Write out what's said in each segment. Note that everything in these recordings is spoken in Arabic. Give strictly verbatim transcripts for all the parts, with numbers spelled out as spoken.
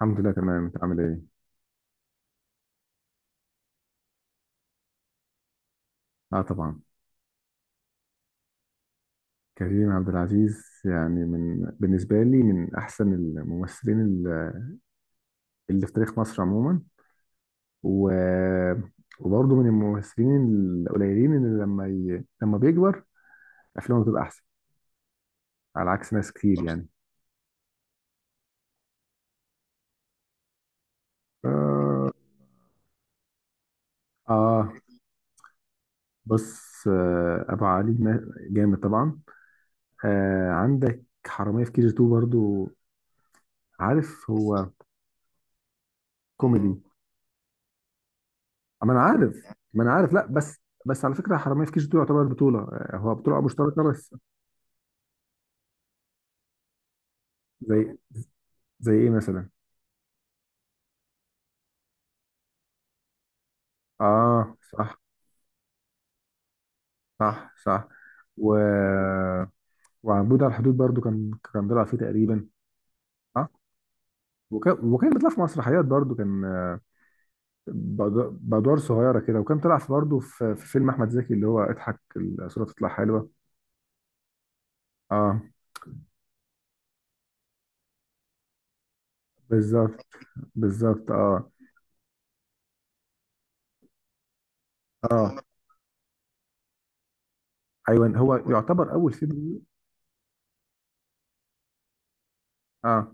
الحمد لله تمام، انت عامل ايه؟ اه طبعا. كريم عبد العزيز يعني من بالنسبه لي من احسن الممثلين ال- اللي في تاريخ مصر عموما. و وبرضه من الممثلين القليلين اللي لما ي... لما بيكبر افلامه بتبقى احسن على عكس ناس كتير يعني. اه, آه بص، آه ابو علي ما- جامد طبعا. آه عندك حراميه في كي جي اتنين برضه، عارف هو كوميدي. آه، ما انا عارف. ما انا عارف، لا، بس. بس على فكره حراميه في كيش دي تعتبر بطوله، آه، هو بطوله مشتركه بس. زي زي ايه مثلا؟ اه، صح، صح، صح. و وعنبود على الحدود برضو، كان كان بيلعب فيه تقريبا. اه. وكان وكان بيطلع في مسرحيات برضو، كان آه، بأد- بادوار صغيره كده. وكان طلع في برضو في في فيلم احمد زكي، اللي هو اضحك الصوره تطلع حلوه. اه، بالظبط. بالظبط، اه، اه. ايوه، هو يعتبر اول فيلم ليه- اه،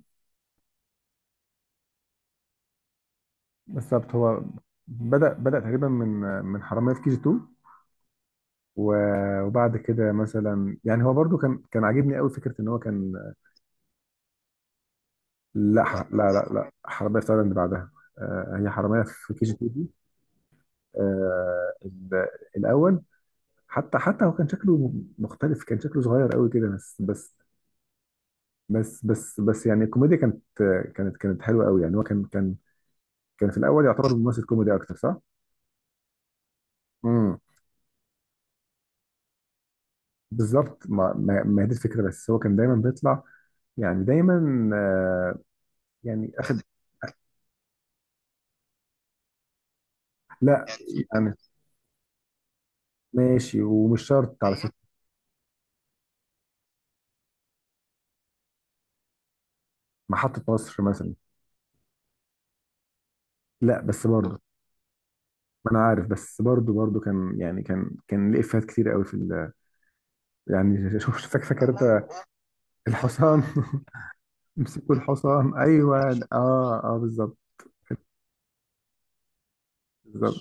بالظبط. هو بدأ بدأ تقريبا من من حرامية في كي جي اتنين، و- وبعد كده مثلا يعني هو برضو كان كان عاجبني قوي فكرة ان هو كان. لا، ح- لا، لا، لا، حرامية في تايلاند بعدها. آه، هي حرامية في كي جي اتنين دي. آه، ال- الأول. حتى حتى هو كان شكله مختلف، كان شكله صغير قوي كده، بس بس. بس بس بس يعني الكوميديا كانت كانت كانت حلوة قوي، يعني هو كان كان كان في الأول يعتبر ممثل كوميدي أكتر، صح؟ بالظبط. ما, ما, ما هي دي الفكره، بس هو كان دايما بيطلع، يعني دايما، آه يعني اخد. لا، يعني ماشي، ومش شرط على فكره. محطه مصر مثلا. لا، بس برضه. ما انا عارف، بس برضه برضه كان، يعني كان كان ليه افيهات كتير قوي في ال، يعني شوف. فاكر فاكر انت الحصان. امسكوا الحصان، ايوه، اه، اه، بالظبط. بالظبط،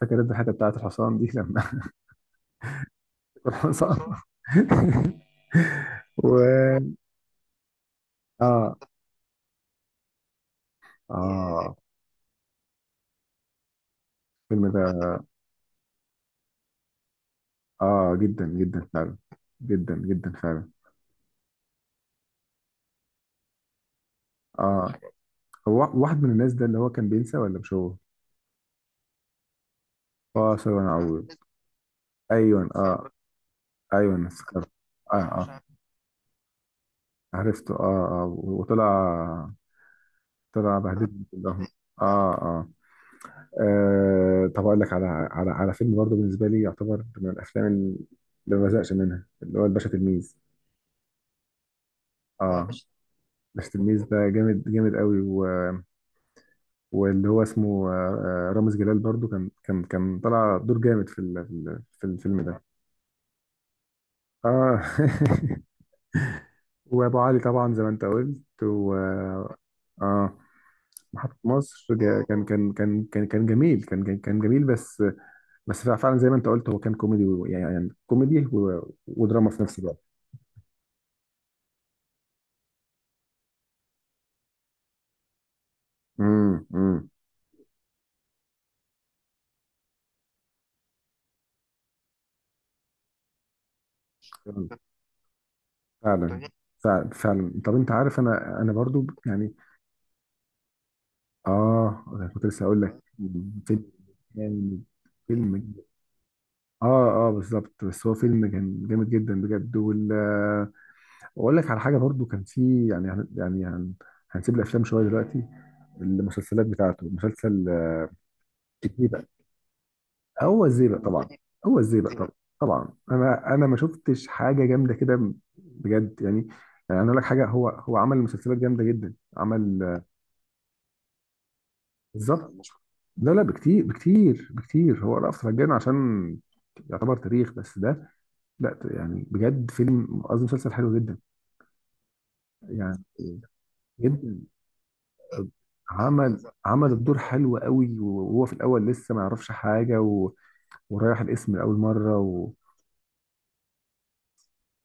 فاكر انت الحته بتاعت الحصان دي لما الحصان و اه، اه. الفيلم ده. اه، جدا جدا فعلا. جدا جدا فعلا. اه، هو واحد من الناس ده اللي هو كان بينسى، ولا مش هو؟ اه، ثواني اعوض. ايوه، اه. ايوه، أنا افتكرت. اه، اه، عرفته، اه، اه. وطلع طلع بهدلني كلهم. اه، اه. آه، طب اقول لك على على على فيلم برضه بالنسبه لي يعتبر من الافلام اللي ما بزهقش منها، اللي هو الباشا تلميذ. اه. الباشا تلميذ ده جامد جامد قوي. واللي هو اسمه آه، آه، رامز جلال برضو كان كان كان طلع دور جامد في ال- في ال- في الفيلم ده. اه وابو علي طبعا زي ما انت قلت. و اه. محطة مصر، جا- كان كان كان كان كان جميل، كان كان كان جميل بس. بس فعلا زي ما انت قلت، هو كان كوميدي، و- يعني يعني كوميدي، و- ودراما في نفس الوقت. امم، امم. فعلا، فعلا، فعلا. طب انت عارف، انا انا برضو، يعني، اه، كنت لسه هقول لك. فيلم جامد. فيلم، اه، اه، بالظبط. بس هو فيلم كان جامد جدا بجد. وال واقول لك على حاجه برضو كان في، يعني هن- يعني هن- هنسيب الافلام شويه دلوقتي، المسلسلات بتاعته، مسلسل الزيبق. هو الزيبق طبعا. هو الزيبق طبعا، طبعا. انا انا ما شفتش حاجه جامده كده بجد، يعني. يعني، انا اقول لك حاجه، هو هو عمل مسلسلات جامده جدا. عمل. آه، بالظبط. لا، لا، بكتير، بكتير، بكتير. هو رأفت الهجان عشان يعتبر تاريخ بس ده. لا، يعني بجد فيلم، قصدي مسلسل، حلو جدا، يعني. جدا، عمل عمل الدور حلو قوي، وهو في الاول لسه ما يعرفش حاجه، و... ورايح الاسم لاول مره. و...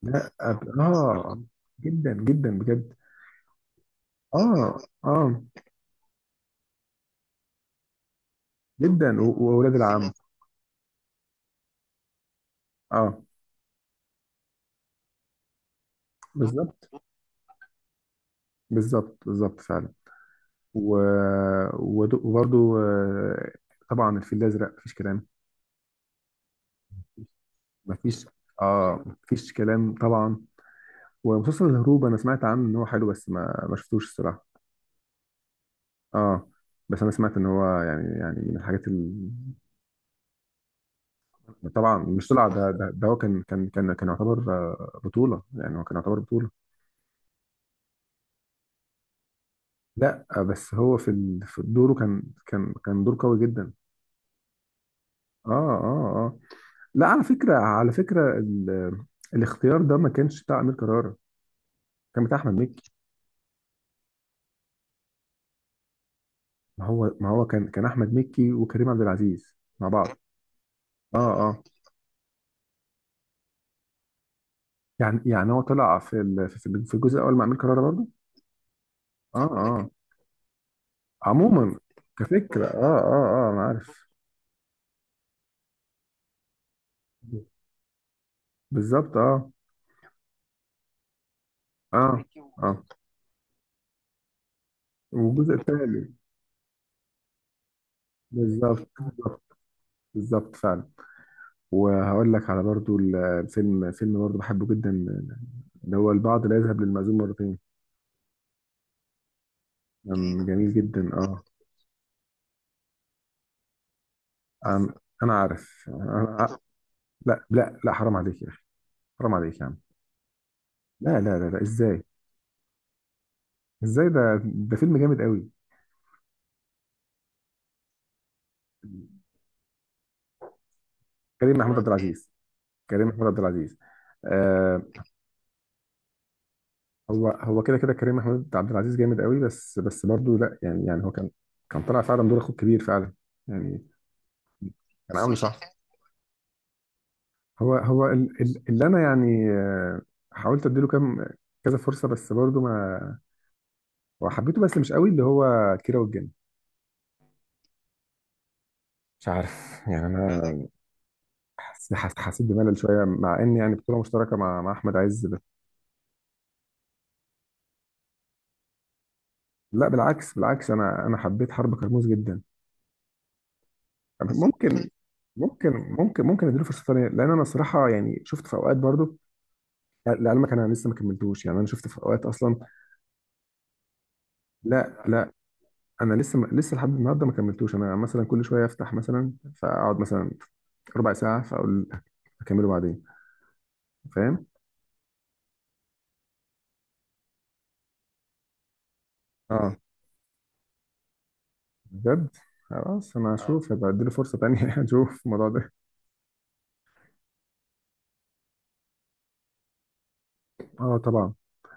لا، أب... اه، جدا جدا بجد. اه، اه، جدا. و... واولاد العم. اه، بالظبط، بالظبط، بالظبط، فعلا. و... ود- وبرضو، آه، طبعا الفيل الازرق مفيش كلام. مفيش. اه، مفيش كلام طبعا. ومسلسل الهروب، انا سمعت عنه ان هو حلو، بس ما ما شفتوش الصراحه. اه، بس انا سمعت ان هو، يعني يعني من الحاجات ال... طبعا، مش طلع، ده ده, ده هو كان كان كان كان يعتبر آه، بطوله، يعني هو كان يعتبر بطوله. لا، آه، بس هو في ال... في دوره كان كان كان دور قوي جدا. اه، اه، اه. لا، على فكره، على فكره ال... الاختيار ده ما كانش بتاع امير كرارة، كان بتاع احمد مكي. ما هو، ما هو كان كان احمد مكي وكريم عبد العزيز مع بعض. اه، اه. يعني يعني هو طلع في ال... في في الجزء الاول مع امير كرارة برضه. اه، اه، عموما كفكرة، اه، اه، اه، انا عارف. بالظبط، اه. اه، اه. والجزء الثاني. بالظبط، بالظبط، فعلا. وهقول لك على برضو ال- الفيلم فيلم برضو بحبه جدا، اللي هو البعض لا يذهب للمأذون مرتين. كان جميل جدا، اه. أم- انا عارف، أنا. لا، لا، لا، حرام عليك يا اخي. حرام عليك يا عم. لا، لا، لا، لا، ازاي؟ ازاي ده؟ ده فيلم جامد قوي. كريم محمود عبد العزيز. كريم محمود عبد العزيز، آه، هو، هو كده كده، كريم محمود عبد العزيز جامد قوي، بس بس برضه، لا يعني يعني هو كان كان طلع فعلا دور اخوه الكبير فعلا يعني. كان عامله. صح، هو هو ال- ال- اللي انا يعني، آه، حاولت اديله كام كذا فرصه، بس برضه ما وحبيته بس مش قوي، اللي هو كيرة والجن. مش عارف يعني انا حس- حس- حسيت بملل شويه، مع ان يعني بطوله مشتركه مع مع احمد عز بس. لا، بالعكس، بالعكس. انا انا حبيت حرب كرموز جدا. ممكن، ممكن. ممكن ممكن اديله فرصه ثانيه، لان انا صراحه يعني شفت في اوقات برضه. لعلمك، انا لسه ما كملتوش، يعني انا شفت في اوقات اصلا. لا، لا. انا لسه ما لسه لحد النهارده ما كملتوش، انا مثلا كل شويه افتح مثلا، فاقعد مثلا ربع ساعه فاقول اكمله بعدين. فاهم؟ اه، بجد، خلاص. انا اه هشوف، هبقى اديله فرصه تانية اشوف الموضوع ده. اه، طبعا،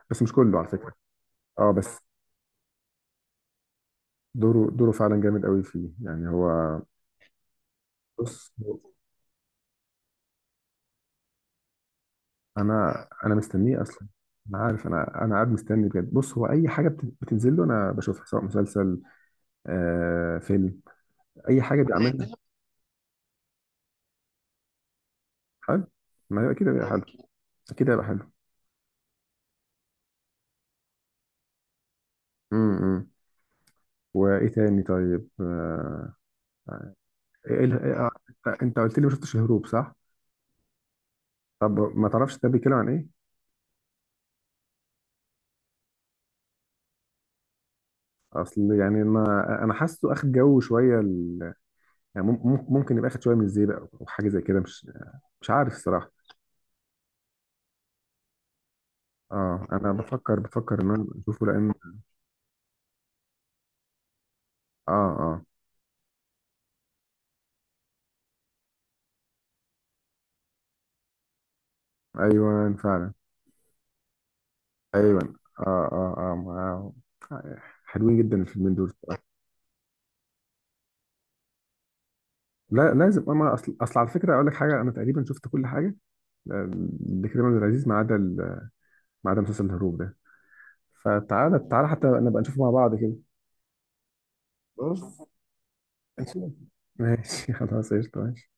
بس مش كله على فكره. اه، بس دوره دوره فعلا جامد قوي فيه، يعني هو. بص، هو-. انا انا مستنيه اصلا. انا عارف، انا انا قاعد مستني بجد. بص، هو اي حاجه بت- بتنزل له انا بشوفها، سواء مسلسل، آه فيلم، اي حاجه بيعملها. حلو. ما هي اكيد هيبقى حلو. اكيد هيبقى حلو. امم، إمم. وايه تاني طيب، آه... إيه، إيه، إيه، آه، انت قلت لي ما شفتش الهروب، صح؟ طب ما تعرفش ده بيتكلم عن ايه؟ اصل يعني ما انا حاسه اخد جو شويه ال... يعني، مم- مم- ممكن يبقى اخد شويه من الزيبق او حاجه زي كده، مش مش عارف الصراحه. اه، انا بفكر بفكر ان انا اشوفه لان، اه، اه، ايوه فعلا. ايوه، اه، اه، اه. ما- حلوين جدا الفيلمين دول. لا، لازم. اما اصل، اصل على فكره اقول لك حاجه، انا تقريبا شفت كل حاجه، آه، لكريم عبد العزيز، ما عدا ال- ما عدا مسلسل الهروب ده. فتعالى، تعالى، حتى نبقى نشوفه مع بعض كده. بص، نشوف. ماشي خلاص، قشطه، ماشي.